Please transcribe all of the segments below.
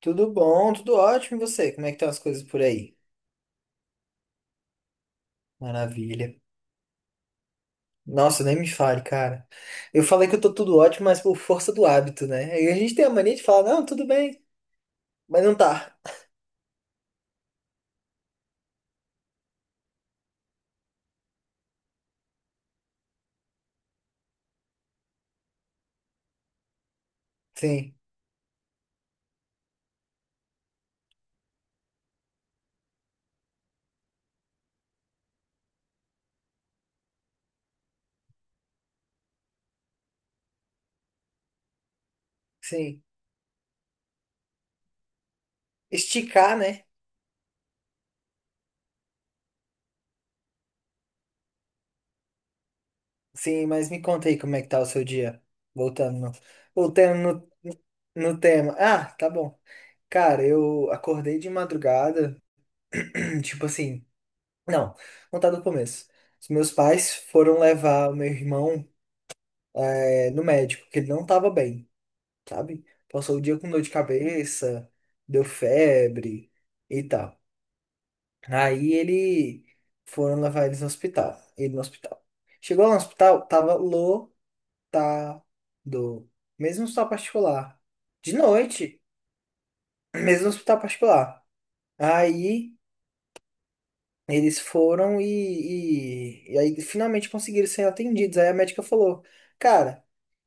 Tudo bom, tudo ótimo. E você? Como é que estão as coisas por aí? Maravilha. Nossa, nem me fale, cara. Eu falei que eu tô tudo ótimo, mas por força do hábito, né? E a gente tem a mania de falar, não, tudo bem, mas não tá. Sim, sim. Esticar, né? Sim, mas me conta aí como é que tá o seu dia. Voltando no, voltando no tema. Ah, tá bom. Cara, eu acordei de madrugada, tipo assim. Não, vou contar do começo. Os meus pais foram levar o meu irmão. É, no médico, que ele não tava bem, sabe? Passou o dia com dor de cabeça, deu febre e tal. Aí ele foram levar eles no hospital. Ele no hospital. Chegou lá no hospital, tava lotado. Mesmo hospital particular. De noite, mesmo hospital particular. Aí eles foram e aí finalmente conseguiram ser atendidos. Aí a médica falou, cara.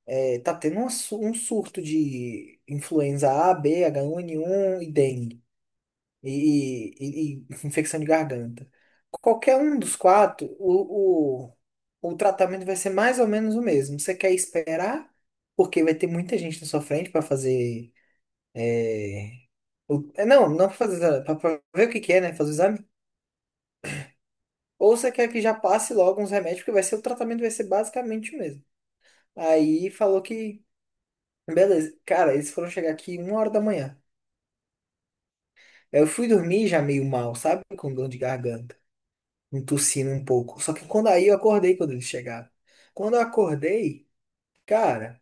É, tá tendo um surto de influenza A, B, H1N1 e dengue. E infecção de garganta. Qualquer um dos quatro, o tratamento vai ser mais ou menos o mesmo. Você quer esperar, porque vai ter muita gente na sua frente para fazer. é, é, não, não pra fazer. Para ver o que que é, né? Fazer o exame. Ou você quer que já passe logo uns remédios, porque o tratamento vai ser basicamente o mesmo. Aí falou que. Beleza. Cara, eles foram chegar aqui 1 hora da manhã. Eu fui dormir já meio mal, sabe? Com dor de garganta, um tossindo um pouco. Só que quando aí eu acordei quando eles chegaram. Quando eu acordei, cara,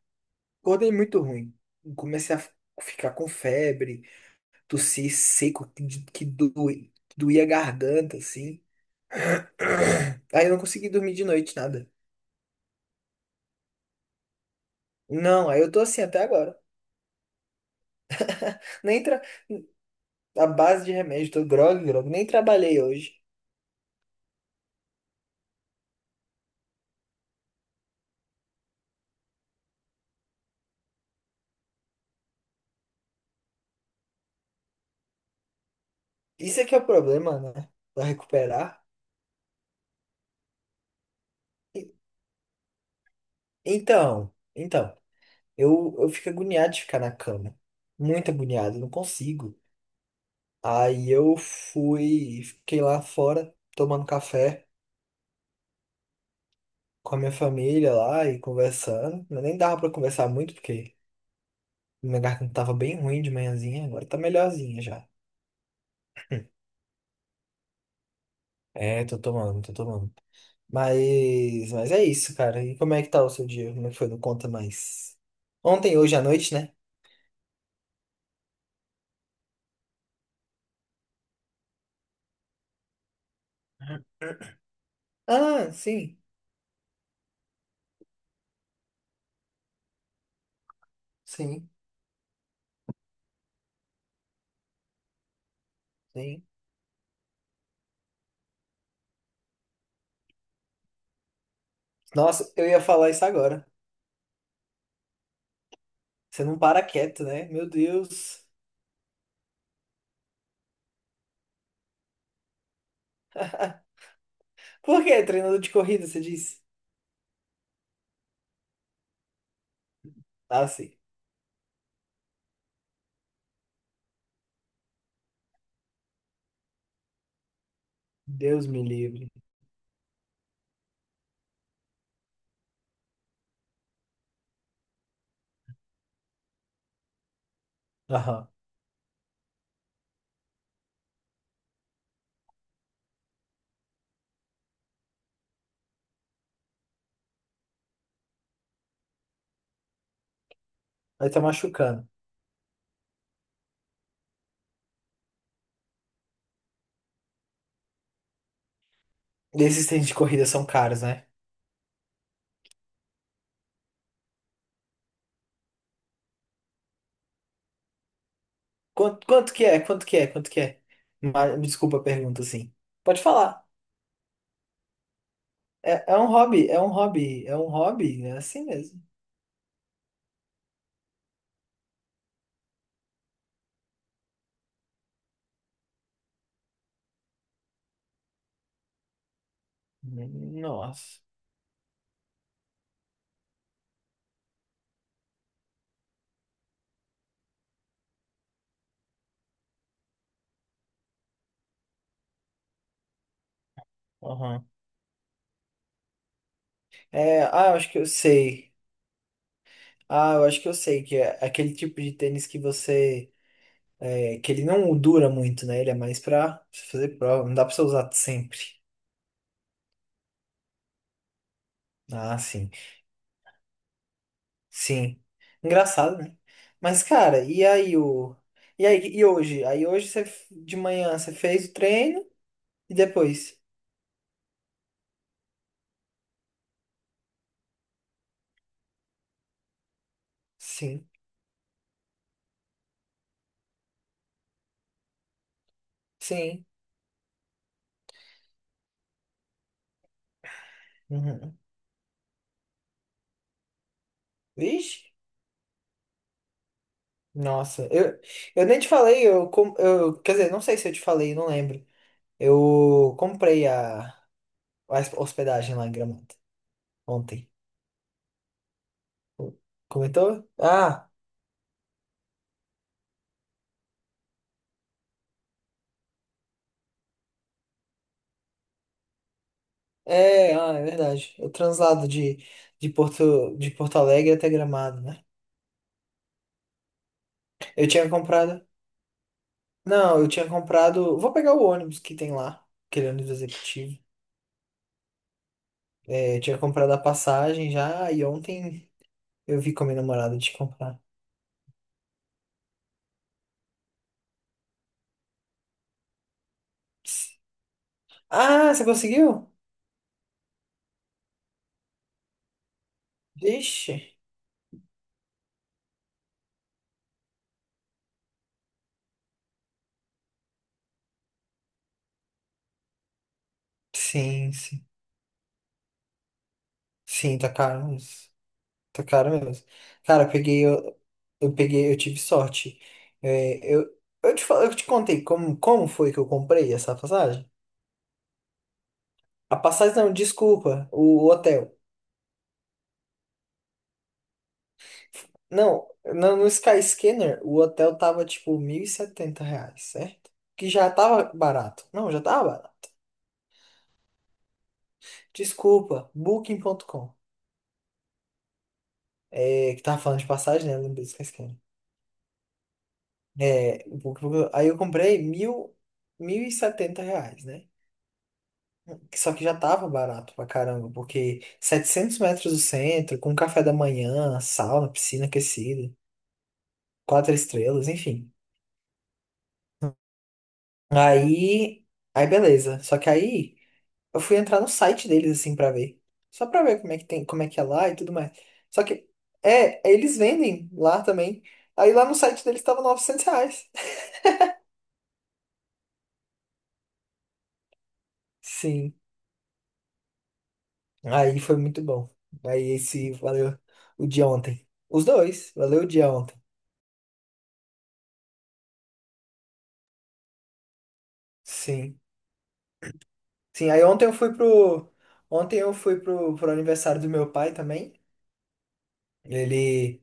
acordei muito ruim. Comecei a ficar com febre, tossir seco, que doía a garganta, assim. Aí eu não consegui dormir de noite, nada. Não, aí eu tô assim até agora. Nem tra... A base de remédio, tô grog, nem trabalhei hoje. Isso é que é o problema, né? Pra recuperar. E- então. Eu fico agoniado de ficar na cama. Muito agoniado, eu não consigo. Aí eu fiquei lá fora tomando café com a minha família lá e conversando. Eu nem dava pra conversar muito porque minha garganta tava bem ruim de manhãzinha, agora tá melhorzinha já. É, tô tomando, tô tomando. Mas é isso, cara. E como é que tá o seu dia? Como é que foi? Não conta mais. Ontem, hoje à noite, né? Ah, sim, sim, sim. Nossa, eu ia falar isso agora. Você não para quieto, né? Meu Deus. Por quê? Treinador de corrida, você disse? Ah, sim. Deus me livre. Aham. Vai tá machucando. E esses tênis de corrida são caros, né? Quanto que é? Quanto que é? Quanto que é? Me desculpa a pergunta, assim. Pode falar. É, é um hobby, é um hobby, é um hobby, é assim mesmo. Nossa. Aham. É, ah, eu acho que eu sei. Ah, eu acho que eu sei que é aquele tipo de tênis que você é, que ele não dura muito, né? Ele é mais pra fazer prova. Não dá pra você usar sempre. Ah, sim. Sim. Engraçado, né? Mas, cara, e aí o. E aí, e hoje? Aí hoje você de manhã você fez o treino e depois? Sim. Sim. Uhum. Vixe. Nossa, eu nem te falei, eu. Quer dizer, não sei se eu te falei, não lembro. Eu comprei a hospedagem lá em Gramado ontem. Comentou? Ah. É, ah, é verdade. O translado de Porto Alegre até Gramado, né? Eu tinha comprado. Não, eu tinha comprado. Vou pegar o ônibus que tem lá, aquele ônibus executivo. É, eu tinha comprado a passagem já e ontem eu vi com a minha namorada de comprar. Ah, você conseguiu? Vixe. Sim, sim. Sim, tá caro mesmo. Tá caro mesmo. Cara, eu tive sorte. É, eu te contei como foi que eu comprei essa passagem? A passagem não, desculpa, o hotel. Não, no Sky Scanner, o hotel tava tipo 1.070 reais, certo? Que já tava barato. Não, já tava barato. Desculpa, Booking.com. É, que tava falando de passagem, né? Eu lembrei do Sky Scanner. É, o Booking ponto aí eu comprei mil e setenta reais, né? Só que já tava barato pra caramba, porque 700 metros do centro, com café da manhã, sauna, piscina aquecida, quatro estrelas, enfim. Aí, aí, beleza. Só que aí eu fui entrar no site deles assim pra ver. Só pra ver como é que tem, como é que é lá e tudo mais. Só que é, eles vendem lá também. Aí lá no site deles tava 900 reais. Sim. Aí foi muito bom. Aí esse valeu o dia ontem. Os dois, valeu o dia ontem. Sim. Sim, aí ontem eu fui pro aniversário do meu pai também. Ele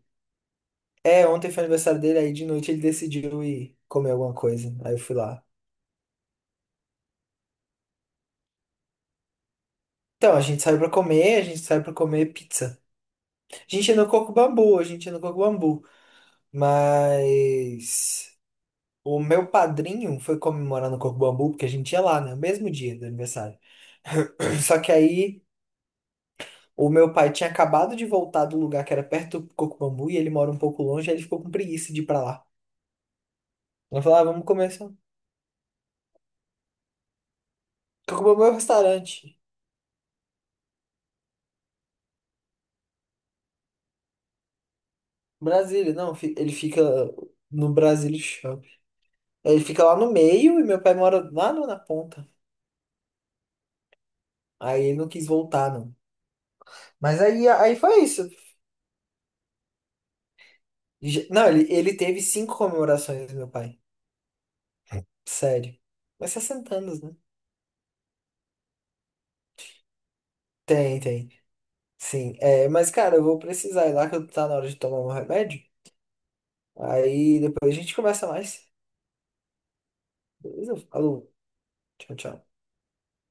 ontem foi aniversário dele, aí de noite ele decidiu ir comer alguma coisa. Aí eu fui lá. Então, a gente saiu pra comer pizza. A gente é no Coco Bambu. Mas o meu padrinho foi comemorar no Coco Bambu, porque a gente ia lá, né? No mesmo dia do aniversário. Só que aí o meu pai tinha acabado de voltar do lugar que era perto do Coco Bambu e ele mora um pouco longe, aí ele ficou com preguiça de ir pra lá. Ele falou, ah, vamos começar. Coco Bambu é um restaurante. Brasília, não, ele fica no Brasília Shopping. Ele fica lá no meio e meu pai mora lá na ponta. Aí ele não quis voltar, não. Mas aí foi isso. Não, ele teve cinco comemorações, meu pai. Sério. Mas 60 anos, né? Tem, tem. Sim. É, mas, cara, eu vou precisar ir lá que tá na hora de tomar meu remédio. Aí depois a gente conversa mais. Beleza? Falou. Tchau, tchau.